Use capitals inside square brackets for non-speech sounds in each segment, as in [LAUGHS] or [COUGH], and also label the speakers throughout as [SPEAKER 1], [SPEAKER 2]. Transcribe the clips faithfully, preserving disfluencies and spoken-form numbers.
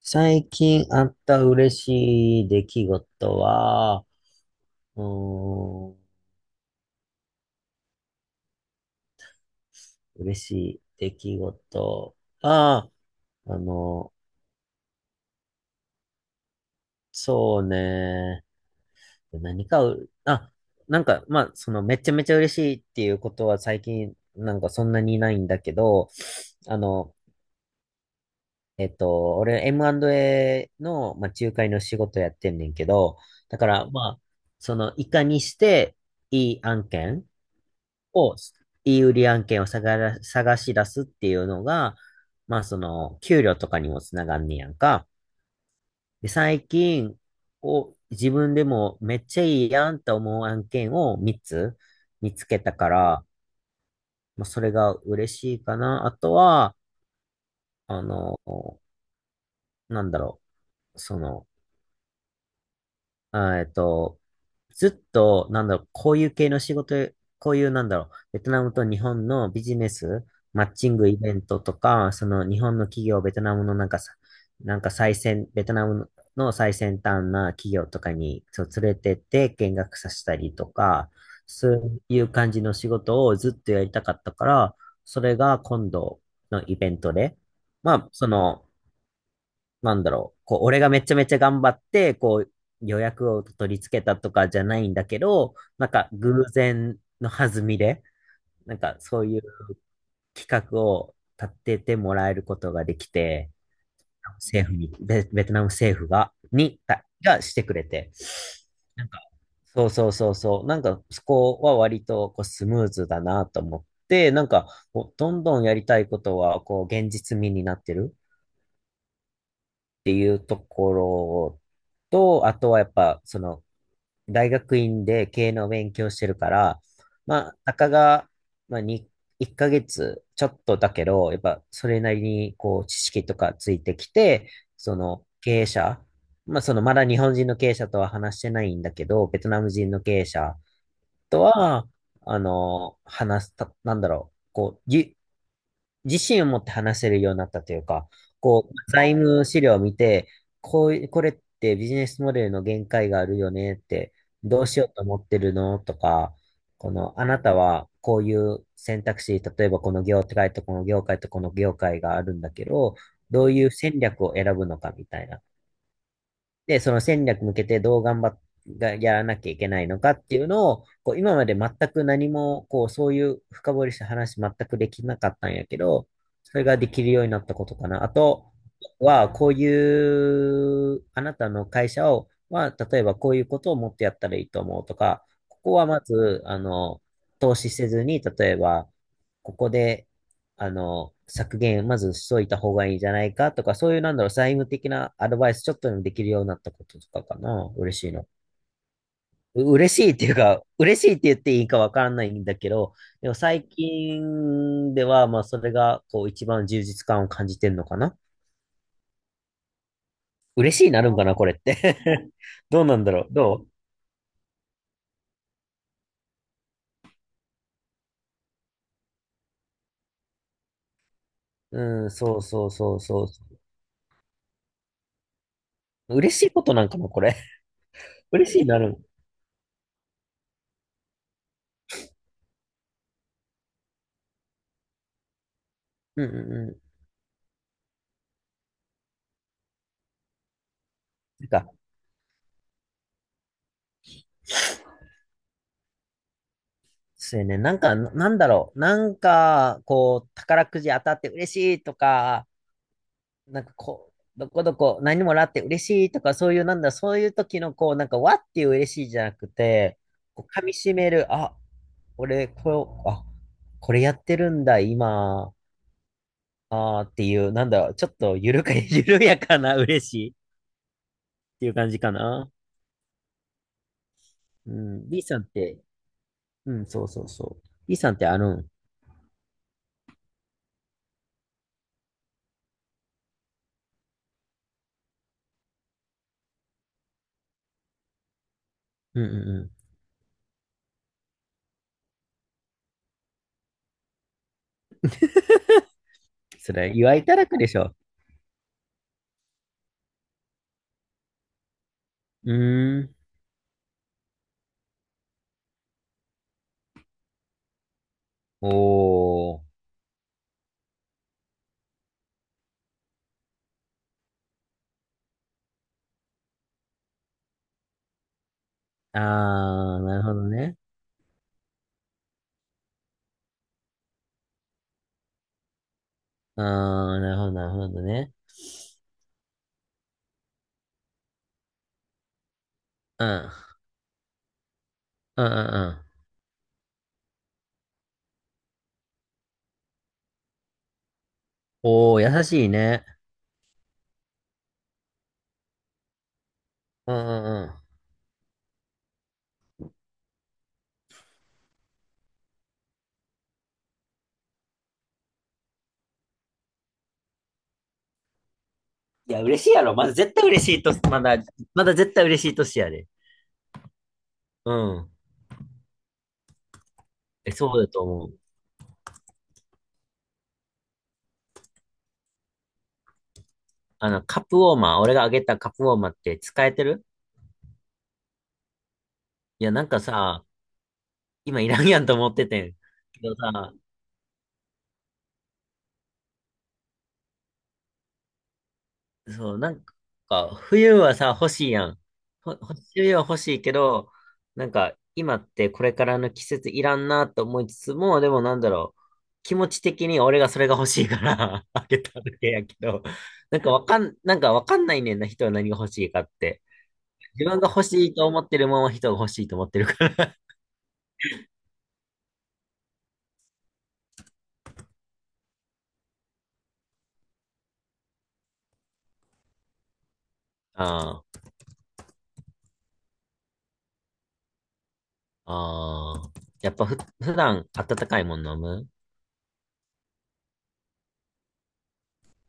[SPEAKER 1] 最近あった嬉しい出来事は、うーん、嬉しい出来事は、あの、そうね、何かう、あ、なんか、まあ、その、めちゃめちゃ嬉しいっていうことは最近、なんかそんなにないんだけど、あの、えっと、俺 エムアンドエー の、まあ、仲介の仕事やってんねんけど、だから、まあ、その、いかにしていい案件、を、いい売り案件を探ら探し出すっていうのが、まあその、給料とかにもつながんねやんか。で、最近、を自分でもめっちゃいいやんと思う案件をみっつ見つけたから、まあそれが嬉しいかな。あとは、あの、なんだろう、その、あえっと、ずっと、なんだろう、こういう系の仕事、こういう、なんだろう、ベトナムと日本のビジネス、マッチングイベントとか、その日本の企業、ベトナムのなんかさ、なんか最先、ベトナムの最先端な企業とかに、そう連れてって見学させたりとか、そういう感じの仕事をずっとやりたかったから、それが今度のイベントで、まあ、その、なんだろう、こう、俺がめちゃめちゃ頑張って、こう、予約を取り付けたとかじゃないんだけど、なんか偶然の弾みで、なんかそういう企画を立ててもらえることができて、政府に、ベ、ベトナム政府が、に、たがしてくれて、なんか、そうそうそうそう、なんかそこは割とこうスムーズだなと思って、なんか、こうどんどんやりたいことは、こう、現実味になってる。っていうところと、あとはやっぱ、その、大学院で経営の勉強してるから、まあ、たかが、まあ、にいっかげつちょっとだけど、やっぱそれなりにこう知識とかついてきて、その経営者、まあ、そのまだ日本人の経営者とは話してないんだけど、ベトナム人の経営者とは、あの、話すた、なんだろう、こう、ゆ自信を持って話せるようになったというか、こう、財務資料を見て、こういこれってビジネスモデルの限界があるよねって、どうしようと思ってるのとか、この、あなたはこういう選択肢、例えばこの業界とこの業界とこの業界があるんだけど、どういう戦略を選ぶのかみたいな。で、その戦略向けてどう頑張っがやらなきゃいけないのかっていうのを、こう今まで全く何も、こう、そういう深掘りした話全くできなかったんやけど、それができるようになったことかな。あとは、こういう、あなたの会社を、まあ、例えばこういうことをもっとやったらいいと思うとか、ここはまず、あの、投資せずに、例えば、ここで、あの、削減、まずしといた方がいいんじゃないかとか、そういう、なんだろう、財務的なアドバイスちょっとでもできるようになったこととかかな、嬉しいの。う嬉しいっていうか、嬉しいって言っていいかわからないんだけど、でも最近では、まあ、それが、こう、一番充実感を感じてんのかな。嬉しいになるんかな、これって。[LAUGHS] どうなんだろう、どううん、そうそうそうそう。嬉しいことなんかな、これ。[LAUGHS] 嬉しいになるん。うんうんうん。なんか、そうやね。なんか、ななんだろう。なんか、こう、宝くじ当たって嬉しいとか、なんかこう、どこどこ何もらって嬉しいとか、そういう、なんだ、そういう時の、こう、なんか、わっていう嬉しいじゃなくて、こう、噛み締める、あ、俺、こう、あ、これやってるんだ、今、あーっていう、なんだろう、ちょっと、ゆるか、[LAUGHS] 緩やかな嬉しいっていう感じかな。うん。B さんって、うん、そうそうそう。B さんってあるん。うんうんうん。それ、祝いただくでしょ。うーん。おー。あー、なるほどね。あー、なるほど、なるほどね。うん。うんうんうん。おー、優しいね。うんうんうん。いや、嬉しいやろ。まだ絶対嬉しいと、まだ、まだ絶対嬉しい年やで。うん。え、そうだと思う。あの、カップウォーマー、俺があげたカップウォーマーって使えてる。いや、なんかさ、今いらんやんと思っててん。けどさ、そう、なんか、冬はさ、欲しいやん。ほ、ほ冬は欲しいけど、なんか、今ってこれからの季節いらんなと思いつつも、でもなんだろう、気持ち的に俺がそれが欲しいから [LAUGHS] あげただけやけど、なんかわかん、なんかわかんないねんな、人は何が欲しいかって。自分が欲しいと思ってるもんは人が欲しいと思ってるから。[LAUGHS] ああ、ああ。やっぱふ、普段温かいもん飲む。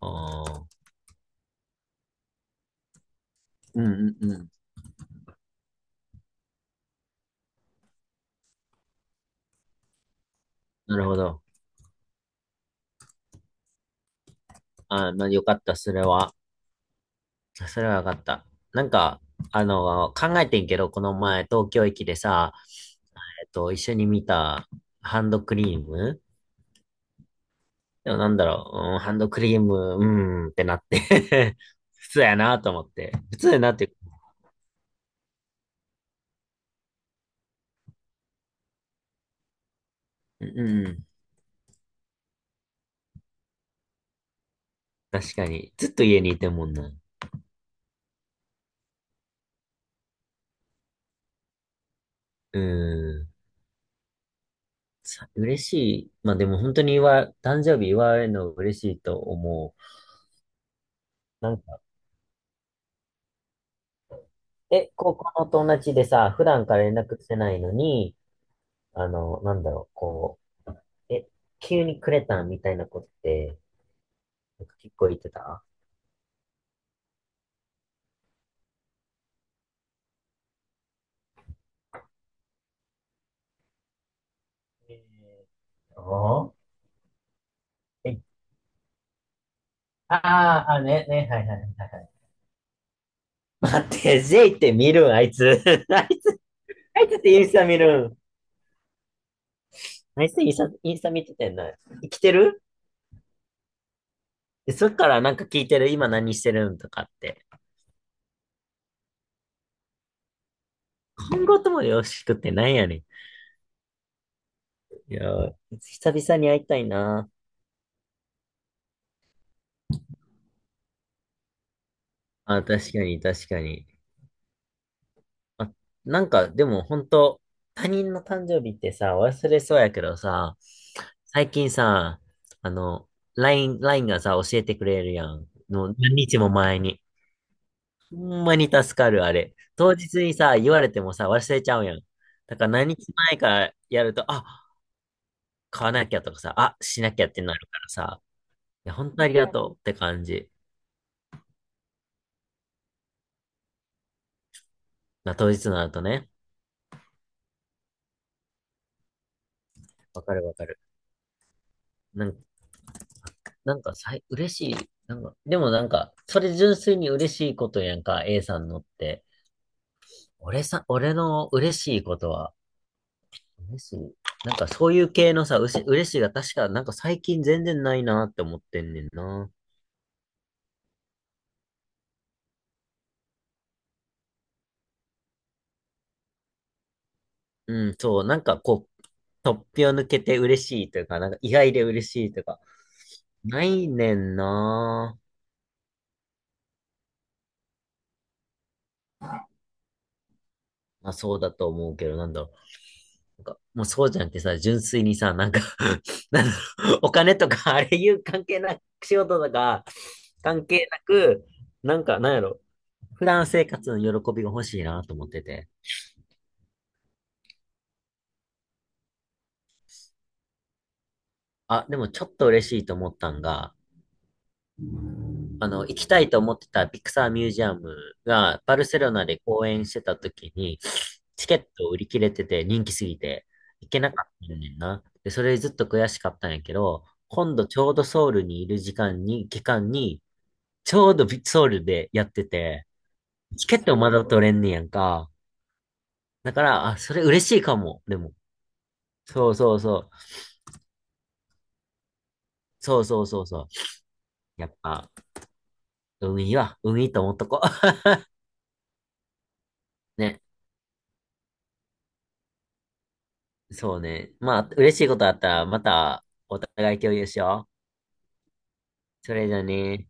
[SPEAKER 1] ああ、うんうんうん。なるほど。ああ、まあよかった、それは。あ、それは分かった。なんか、あの、考えてんけど、この前、東京駅でさ、えっと、一緒に見たハンドクリーム。でもなんだろう、うん、ハンドクリーム、うーんってなって [LAUGHS] 普通やなと思って。普通やなって、うん、確かに。ずっと家にいてんもんな。うん。さ嬉しい。まあでも本当に祝い、誕生日祝われるの嬉しいと思う。なんか、え、高校の友達でさ、普段から連絡してないのに、あの、なんだろう、こう、え、急にくれたんみたいなことって、なんか結構言ってた。えーと、え、あーあ、ね、ね、はいはい。待って、J って見るん、あいつ。[LAUGHS] あいつ、あいつってインスタ見るん。あいつインスタ、インスタ見ててんな。生きてる。でそっからなんか聞いてる、今何してるんとかって。今後ともよろしくってなんやねん。いやー、久々に会いたいな。あ、確かに、確かに。あ、なんか、でも本当他人の誕生日ってさ、忘れそうやけどさ、最近さ、あの、ライン、ラインがさ、教えてくれるやん。の何日も前に。ほんまに助かる、あれ。当日にさ、言われてもさ、忘れちゃうやん。だから何日前からやると、あ、買わなきゃとかさ、あ、しなきゃってなるからさ、いや、本当ありがとうって感じ。まあ、当日になるとね。わかるわかる。なんかなんかさい、嬉しい。なんか、でもなんか、それ純粋に嬉しいことやんか、A さんのって。俺さ、俺の嬉しいことは、嬉しい。なんかそういう系のさ、うし、嬉しいが確か、なんか最近全然ないなって思ってんねんな。うん、そう、なんかこう、突飛を抜けて嬉しいというか、なんか意外で嬉しいというか、ないねんな。まあそうだと思うけど、なんだろう。なんか、もうそうじゃなくてさ、純粋にさ、なんか [LAUGHS] なんだろう、お金とか、あれいう関係なく、仕事とか、関係なく、なんか、なんやろ、普段生活の喜びが欲しいなと思ってて。あ、でもちょっと嬉しいと思ったんが、あの、行きたいと思ってたピクサーミュージアムが、バルセロナで公演してた時に、チケット売り切れてて人気すぎて、行けなかったんねんな。で、それずっと悔しかったんやけど、今度ちょうどソウルにいる時間に、期間に、ちょうどビソウルでやってて、チケットまだ取れんねやんか。だから、あ、それ嬉しいかも。でも、そうそうそう。そうそうそうそう。やっぱ、海は、海と思っとこう。[LAUGHS] ね。そうね。まあ、嬉しいことあったら、また、お互い共有しよう。それじゃね。